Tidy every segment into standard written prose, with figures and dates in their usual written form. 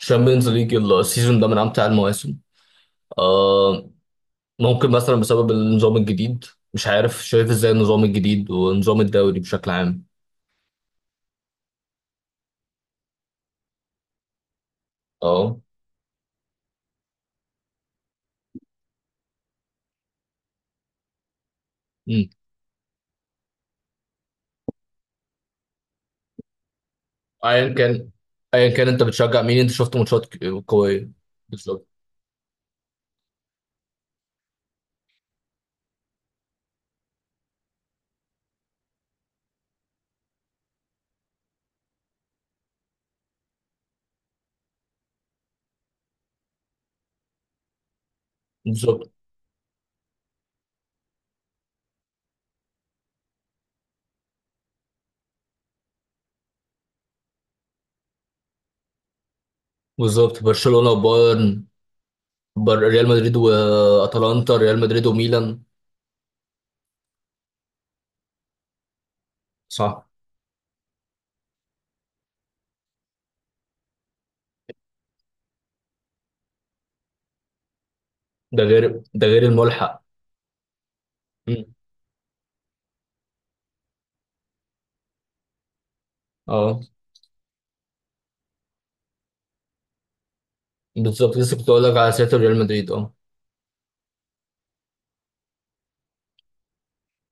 الشامبيونز ليج السيزون ده من امتع المواسم. آه، ممكن مثلا بسبب النظام الجديد. مش عارف شايف ازاي النظام الجديد ونظام الدوري بشكل عام. اه. مم. ايا كان، انت بتشجع مين؟ انت شفت ماتشات قويه؟ بالظبط. بالظبط. بالظبط برشلونه وبايرن. ريال مدريد واتلانتا، ريال مدريد وميلان. صح. ده غير الملحق. مم. اه بالظبط، لسه كنت اقول لك على سيرة ريال مدريد. اه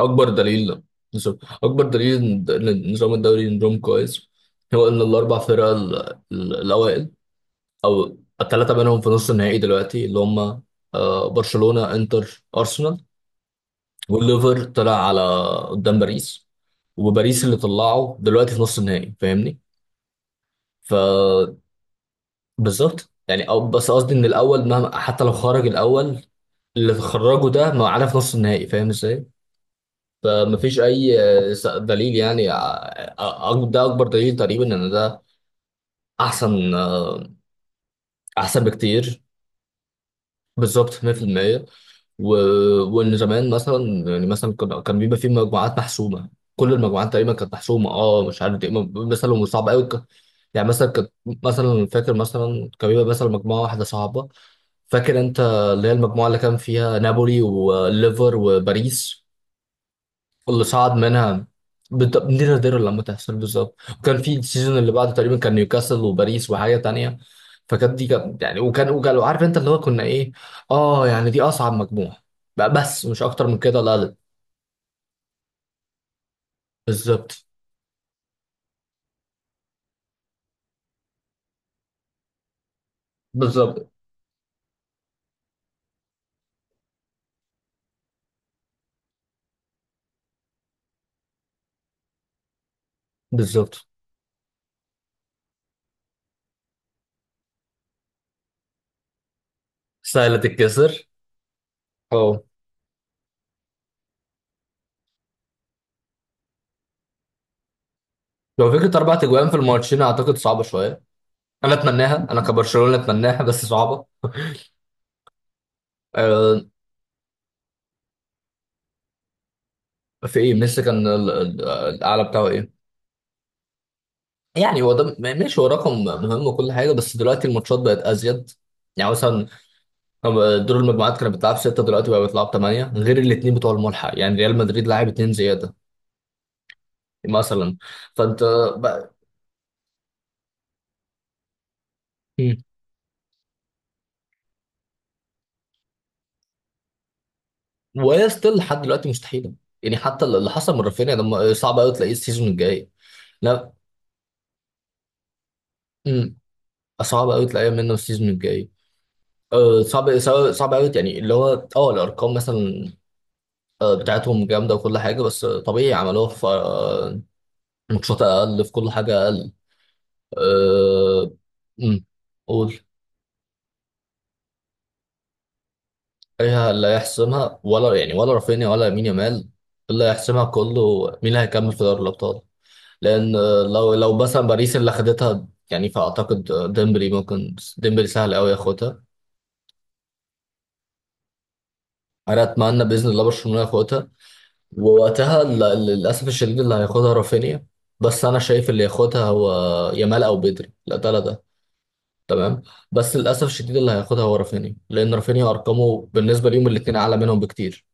اكبر دليل، نظام، اكبر دليل ان نظام الدوري نظام كويس، هو ان الاربع فرق الاوائل، او الثلاثه منهم في نص النهائي دلوقتي، اللي هم آه، برشلونه، انتر، ارسنال. والليفر طلع على قدام باريس، وباريس اللي طلعه دلوقتي في نص النهائي، فاهمني؟ ف بالظبط يعني، او بس قصدي ان الاول مهما، حتى لو خرج الاول اللي خرجه ده، ما عارف نص النهائي فاهم ازاي. فمفيش اي آه، دليل يعني آه، آه، ده اكبر دليل تقريبا ان ده احسن آه، احسن بكتير، بالظبط 100%. و... وان زمان مثلا، يعني مثلا كان بيبقى في مجموعات محسومه، كل المجموعات تقريبا كانت محسومه. اه مش عارف ايه مثلا، وصعب قوي يعني مثلا كنت، مثلا فاكر مثلا كان بيبقى مثلا مجموعه واحده صعبه. فاكر انت اللي هي المجموعه اللي كان فيها نابولي وليفر وباريس؟ اللي صعد منها، نادر لما تحصل، بالظبط. وكان في السيزون اللي بعده تقريبا كان نيوكاسل وباريس وحاجه تانية، فكانت دي كانت يعني، وكان عارف انت اللي هو كنا ايه. اه يعني دي اصعب مجموعه بقى، بس مش اكتر من كده، لا لا. بالظبط. بالظبط. بالظبط سهله تتكسر. اه لو فكره اربع تجوان في الماتشين، اعتقد صعبه شويه. انا اتمناها، انا كبرشلونه اتمناها بس صعبه. آه، في ايه ميسي كان الاعلى بتاعه ايه؟ يعني هو ده ماشي، هو رقم مهم وكل حاجه، بس دلوقتي الماتشات بقت ازيد. يعني مثلا دور المجموعات كانت بتلعب سته، دلوقتي بقى بتلعب ثمانيه، غير الاثنين بتوع الملحق، يعني ريال مدريد لاعب اثنين زياده مثلا. فانت بقى. مم. وهي ستيل لحد دلوقتي مستحيله، يعني حتى اللي حصل من رافينيا لما، صعب قوي تلاقيه السيزون الجاي. لا. مم. صعب قوي تلاقيه منه السيزون الجاي. أه، صعب صعب صعب قوي يعني، اللي هو اه الارقام مثلا آه، بتاعتهم جامده وكل حاجه، بس آه، طبيعي عملوها في آه، ماتشات اقل، في كل حاجه اقل. أه... أمم. قول. ايه اللي هيحسمها، ولا يعني ولا رافينيا ولا يمين يامال؟ اللي هيحسمها كله مين اللي هيكمل في دوري الابطال، لان آه، لو مثلا باريس اللي خدتها يعني، فاعتقد آه، ديمبلي، ممكن ديمبلي سهل قوي ياخدها. انا اتمنى باذن الله برشلونه ياخدها، ووقتها للاسف الشديد اللي هياخدها رافينيا، بس انا شايف اللي ياخدها هو يامال، او بدري لا ده، تمام. بس للاسف الشديد اللي هياخدها هو رافينيا، لان رافينيا ارقامه بالنسبه ليهم الاثنين اعلى منهم بكتير.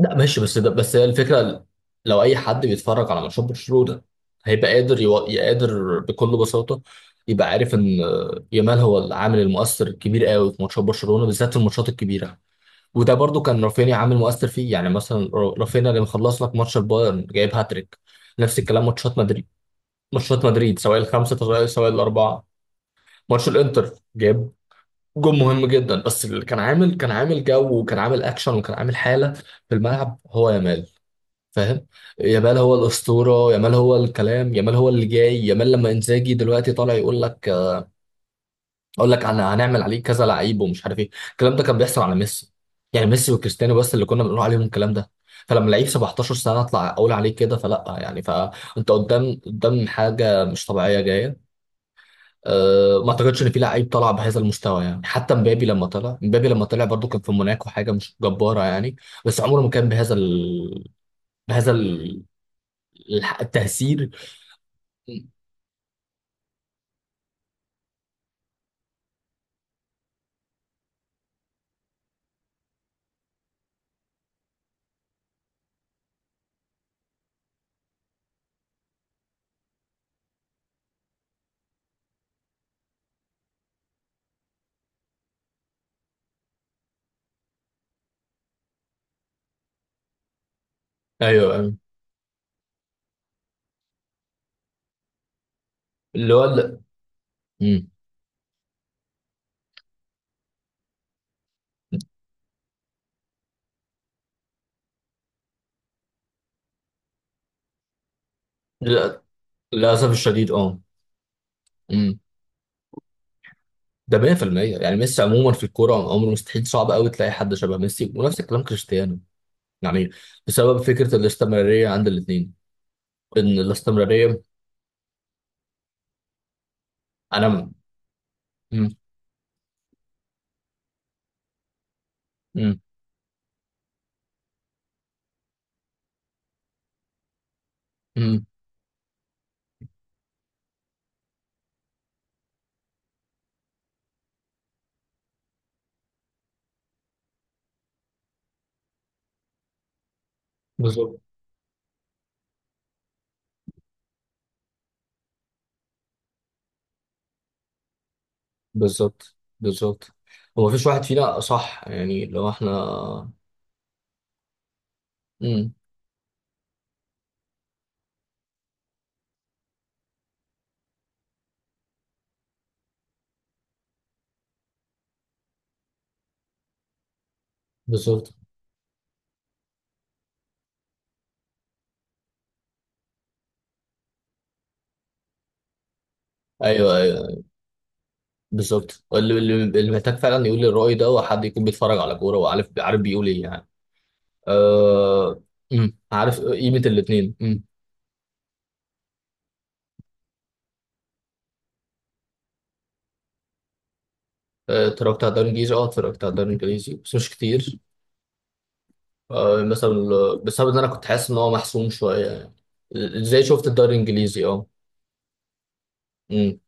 لا ماشي، بس ده بس هي الفكره. لو اي حد بيتفرج على ماتشات برشلونه، هيبقى قادر قادر بكل بساطه يبقى عارف ان يامال هو العامل المؤثر الكبير قوي في ماتشات برشلونه، بالذات في الماتشات الكبيره. وده برضو كان رافينيا عامل مؤثر فيه، يعني مثلا رافينيا اللي مخلص لك ماتش البايرن جايب هاتريك. نفس الكلام ماتشات مدريد، ماتشات مدريد سواء الخمسه سواء الاربعه، ماتش الانتر، جاب جون مهم جدا، بس اللي كان عامل، كان عامل جو وكان عامل اكشن وكان عامل حاله في الملعب هو يامال. فاهم؟ يامال هو الاسطوره، يامال هو الكلام، يامال هو اللي جاي، يامال لما انزاجي دلوقتي طالع يقول لك، اقول لك انا هنعمل عليه كذا لعيب ومش عارف ايه، الكلام ده كان بيحصل على ميسي، يعني ميسي وكريستيانو بس اللي كنا بنقول عليهم الكلام ده. فلما لعيب 17 سنه اطلع اقول عليه كده، فلا يعني، فانت قدام، قدام حاجه مش طبيعيه جايه. أه ما اعتقدش ان في لعيب طلع بهذا المستوى، يعني حتى مبابي لما طلع، مبابي لما طلع برضو كان في موناكو، حاجه مش جباره يعني، بس عمره ما كان بهذا بهذا التأثير. ايوه أيوة. اللي هو مم. لل- للاسف الشديد اه. مم. ده 100% يعني. ميسي عموما في الكوره عمره، مستحيل، صعب قوي تلاقي حد شبه ميسي، ونفس الكلام كريستيانو، يعني بسبب فكره الاستمراريه عند الاثنين، ان الاستمراريه. انا. مم. مم. مم. بالظبط. بالظبط. بالظبط هو مفيش واحد فينا صح، يعني لو احنا. امم. بالظبط. ايوه ايوه بالظبط. اللي محتاج فعلا يقول الرأي ده هو حد يكون بيتفرج على كورة، وعارف، عارف بيقول ايه يعني. أه... عارف قيمة الاثنين. امم. آه، اتفرجت على الدوري الانجليزي، اه اتفرجت على الدوري الانجليزي بس مش كتير. أه... مثلا بسبب ان انا كنت حاسس ان هو محسوم شوية يعني. ازاي شفت الدوري الانجليزي؟ اه. امم.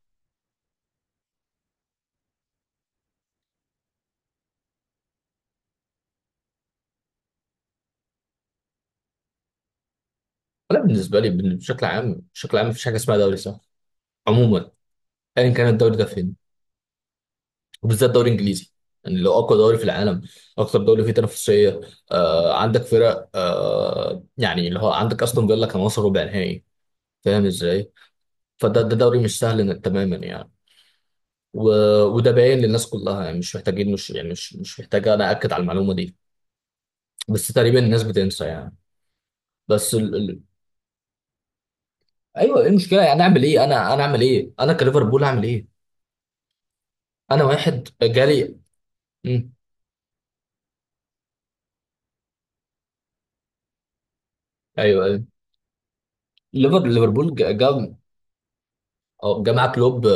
انا بالنسبة لي، بشكل عام مفيش حاجة اسمها دوري سهل، عموما، ايا كان الدوري ده فين. وبالذات الدوري الانجليزي، يعني لو اقوى دوري في العالم، اكتر دوري فيه تنافسيه، آه عندك فرق آه يعني، اللي هو عندك استون فيلا كان وصل ربع نهائي، فاهم ازاي؟ فده ده دوري مش سهل تماما يعني. و... وده باين للناس كلها يعني، مش محتاجين، مش يعني، مش محتاج انا اكد على المعلومه دي، بس تقريبا الناس بتنسى يعني. بس ال... ايوه ايه المشكله يعني؟ اعمل ايه انا، اعمل ايه انا كليفربول، اعمل ايه؟ انا واحد جالي. مم. ايوه ايوه. ليفربول جا مع كلوب،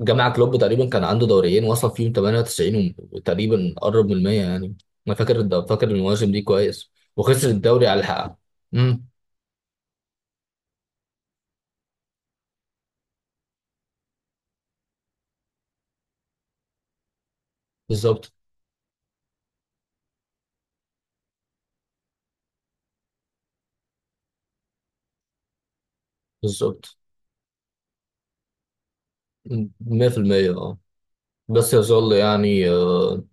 جمع كلوب تقريبا كان عنده دوريين وصل فيهم 98، وتقريبا قرب من 100 يعني. انا فاكر فاكر المواسم دي كويس، وخسر الدوري على حقها. امم. بالظبط. بالظبط 100% اه. بس يظل يعني آه،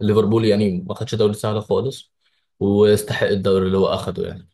ليفربول يعني ما خدش دوري سهل خالص، ويستحق الدوري اللي هو اخده يعني.